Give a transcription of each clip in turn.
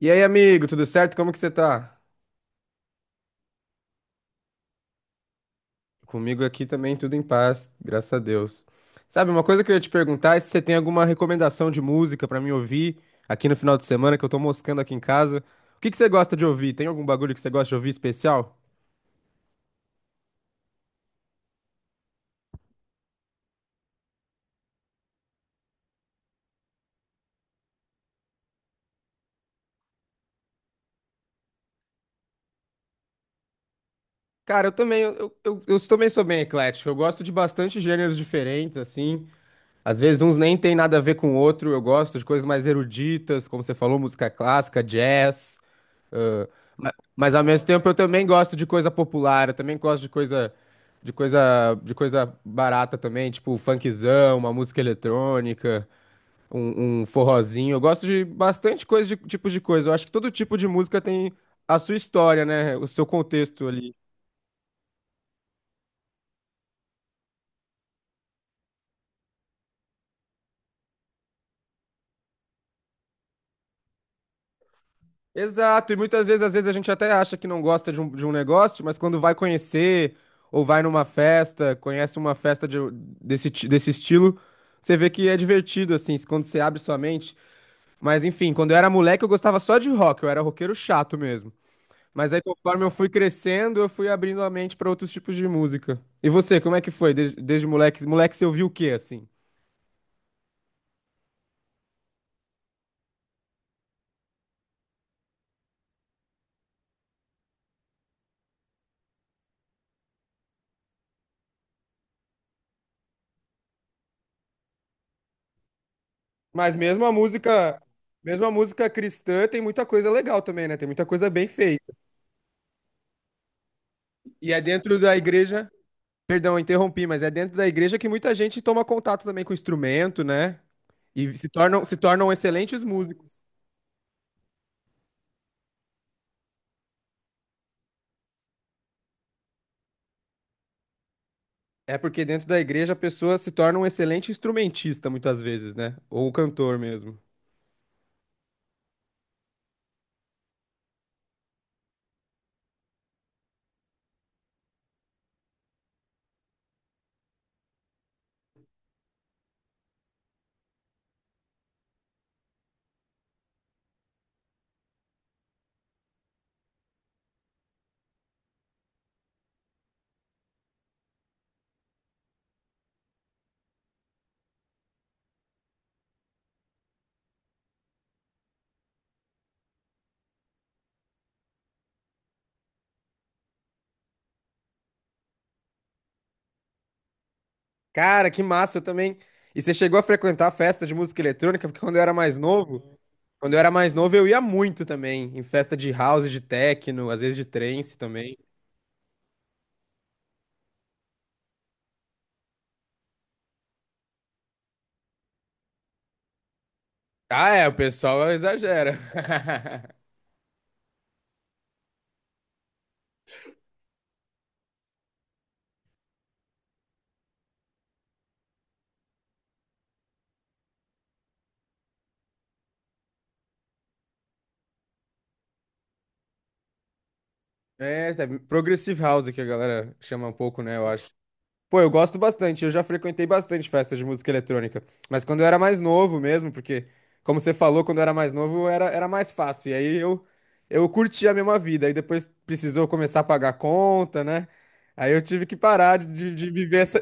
E aí, amigo, tudo certo? Como que você tá? Comigo aqui também tudo em paz, graças a Deus. Sabe, uma coisa que eu ia te perguntar é se você tem alguma recomendação de música pra me ouvir aqui no final de semana, que eu tô moscando aqui em casa. O que que você gosta de ouvir? Tem algum bagulho que você gosta de ouvir especial? Cara, eu também, eu também sou bem eclético. Eu gosto de bastante gêneros diferentes, assim. Às vezes uns nem tem nada a ver com o outro. Eu gosto de coisas mais eruditas, como você falou, música clássica, jazz. Ah, mas ao mesmo tempo eu também gosto de coisa popular, eu também gosto de coisa de coisa barata também, tipo um funkzão, uma música eletrônica, um forrozinho. Eu gosto de bastante coisa de tipos de coisa. Eu acho que todo tipo de música tem a sua história, né? O seu contexto ali. Exato, e muitas vezes, às vezes a gente até acha que não gosta de um negócio, mas quando vai conhecer ou vai numa festa, conhece uma festa desse estilo, você vê que é divertido, assim, quando você abre sua mente. Mas enfim, quando eu era moleque eu gostava só de rock, eu era roqueiro chato mesmo. Mas aí conforme eu fui crescendo, eu fui abrindo a mente pra outros tipos de música. E você, como é que foi desde moleque? Moleque, você ouviu o quê assim? Mas mesmo a música cristã tem muita coisa legal também, né? Tem muita coisa bem feita. E é dentro da igreja, perdão, eu interrompi, mas é dentro da igreja que muita gente toma contato também com o instrumento, né? E se tornam excelentes músicos. É porque dentro da igreja a pessoa se torna um excelente instrumentista muitas vezes, né? Ou um cantor mesmo. Cara, que massa, eu também. E você chegou a frequentar festa de música eletrônica? Porque quando eu era mais novo, quando eu era mais novo eu ia muito também, em festa de house, de techno, às vezes de trance também. Ah, é, o pessoal exagera. É, progressive house que a galera chama um pouco, né? Eu acho. Pô, eu gosto bastante, eu já frequentei bastante festas de música eletrônica, mas quando eu era mais novo mesmo, porque, como você falou, quando eu era mais novo era, era mais fácil, e aí eu curti a mesma vida, aí depois precisou começar a pagar conta, né? Aí eu tive que parar de, de viver essa,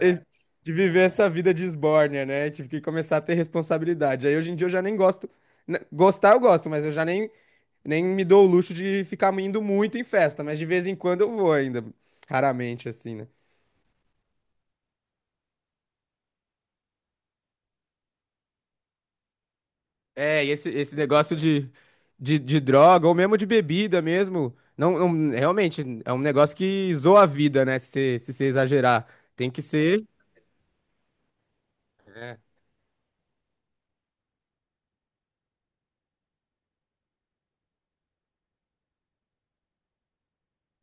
de viver essa vida de esbórnia, né? Tive que começar a ter responsabilidade, aí hoje em dia eu já nem gosto, né, gostar eu gosto, mas eu já nem, nem me dou o luxo de ficar indo muito em festa, mas de vez em quando eu vou ainda, raramente assim, né? É, e esse negócio de droga ou mesmo de bebida mesmo, realmente é um negócio que zoa a vida, né? Se você se você exagerar, tem que ser.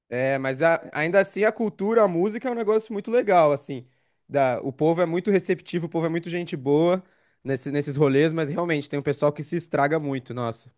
É, mas ainda assim a cultura, a música é um negócio muito legal, assim. O povo é muito receptivo, o povo é muito gente boa nesse, nesses rolês, mas realmente tem um pessoal que se estraga muito, nossa.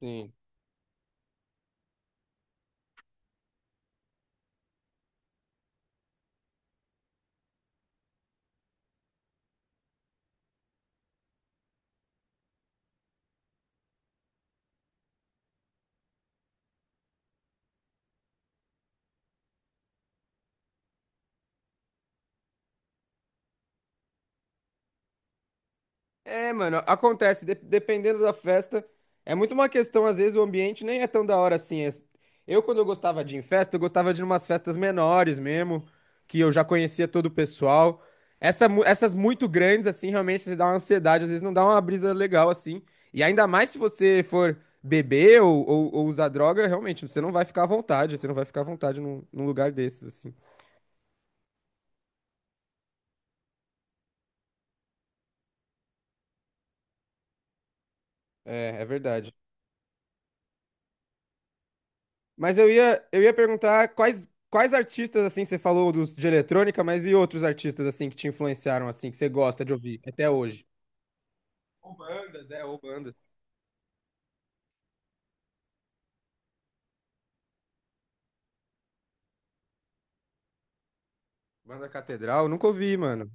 Sim. É, mano, acontece, dependendo da festa, é muito uma questão, às vezes o ambiente nem é tão da hora assim. Eu, quando eu gostava de ir em festa, eu gostava de ir umas festas menores mesmo, que eu já conhecia todo o pessoal. Essas muito grandes, assim, realmente se dá uma ansiedade, às vezes não dá uma brisa legal, assim. E ainda mais se você for beber ou usar droga, realmente, você não vai ficar à vontade, você não vai ficar à vontade num, num lugar desses, assim. É, é verdade. Mas eu ia perguntar quais, quais artistas, assim, você falou dos de eletrônica, mas e outros artistas, assim, que te influenciaram, assim, que você gosta de ouvir até hoje? Ou bandas, é, ou bandas. Banda Catedral, nunca ouvi, mano.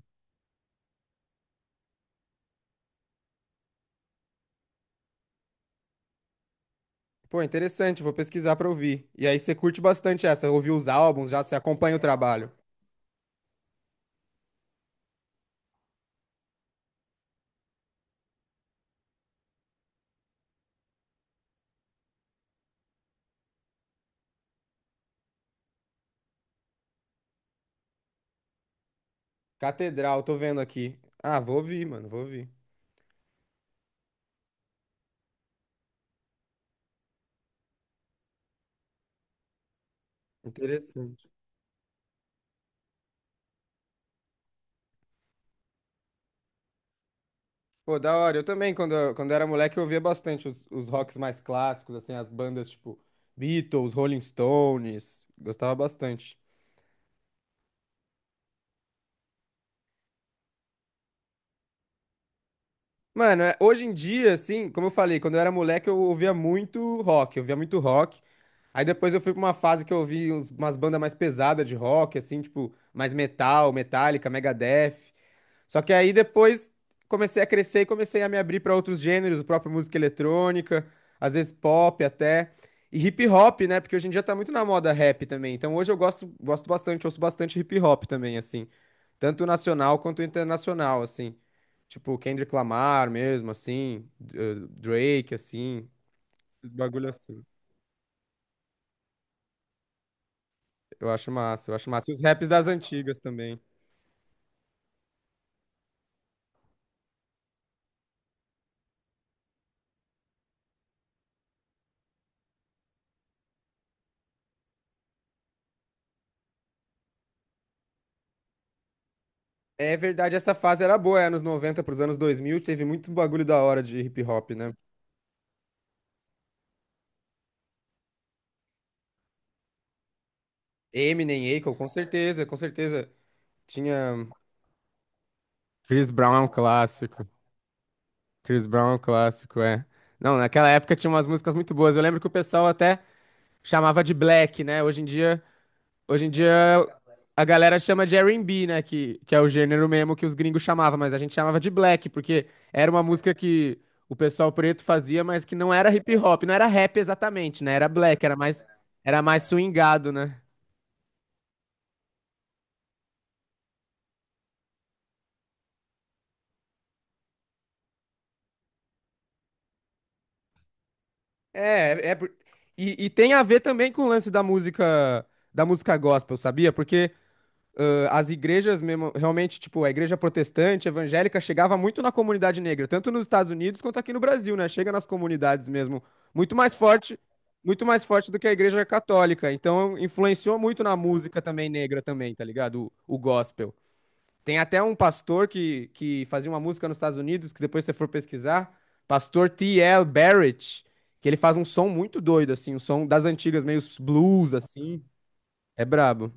Pô, interessante, vou pesquisar pra ouvir. E aí você curte bastante essa, ouviu os álbuns, já você acompanha o trabalho. Catedral, tô vendo aqui. Ah, vou ouvir, mano, vou ouvir. Interessante. Pô, da hora. Eu também, quando, quando era moleque, eu ouvia bastante os rocks mais clássicos, assim, as bandas tipo Beatles, Rolling Stones. Gostava bastante. Mano, hoje em dia, assim, como eu falei, quando eu era moleque, eu ouvia muito rock, eu ouvia muito rock. Aí depois eu fui pra uma fase que eu ouvi umas bandas mais pesadas de rock, assim, tipo, mais metal, Metallica, Megadeth. Só que aí depois comecei a crescer e comecei a me abrir para outros gêneros, o próprio música eletrônica, às vezes pop até. E hip hop, né? Porque hoje em dia tá muito na moda rap também. Então hoje eu gosto, gosto bastante, ouço bastante hip hop também, assim. Tanto nacional quanto internacional, assim. Tipo, Kendrick Lamar mesmo, assim. Drake, assim. Esses bagulho assim. Eu acho massa, eu acho massa. E os raps das antigas também. É verdade, essa fase era boa, é, anos 90 pros anos 2000 teve muito bagulho da hora de hip hop, né? Eminem, Akon, com certeza, com certeza. Tinha. Chris Brown é um clássico. Chris Brown é um clássico, é. Não, naquela época tinha umas músicas muito boas. Eu lembro que o pessoal até chamava de Black, né? Hoje em dia a galera chama de R&B, né? Que é o gênero mesmo que os gringos chamavam, mas a gente chamava de Black, porque era uma música que o pessoal preto fazia, mas que não era hip hop, não era rap exatamente, né? Era black, era mais swingado, né? É, é por- e, e tem a ver também com o lance da música gospel, sabia? Porque as igrejas mesmo, realmente, tipo, a igreja protestante, evangélica, chegava muito na comunidade negra, tanto nos Estados Unidos quanto aqui no Brasil, né? Chega nas comunidades mesmo, muito mais forte, muito mais forte do que a igreja católica. Então, influenciou muito na música também negra também, tá ligado? O gospel. Tem até um pastor que fazia uma música nos Estados Unidos, que depois se você for pesquisar, pastor T.L. Barrett, que ele faz um som muito doido, assim, um som das antigas, meio blues, assim. É brabo.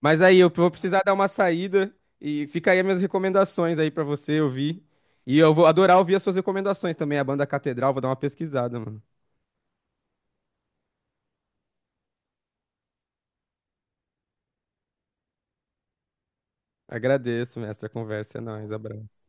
Mas aí, eu vou precisar dar uma saída e fica aí as minhas recomendações aí pra você ouvir. E eu vou adorar ouvir as suas recomendações também, a banda Catedral, vou dar uma pesquisada, mano. Agradeço, mestre, a conversa é nóis, abraço.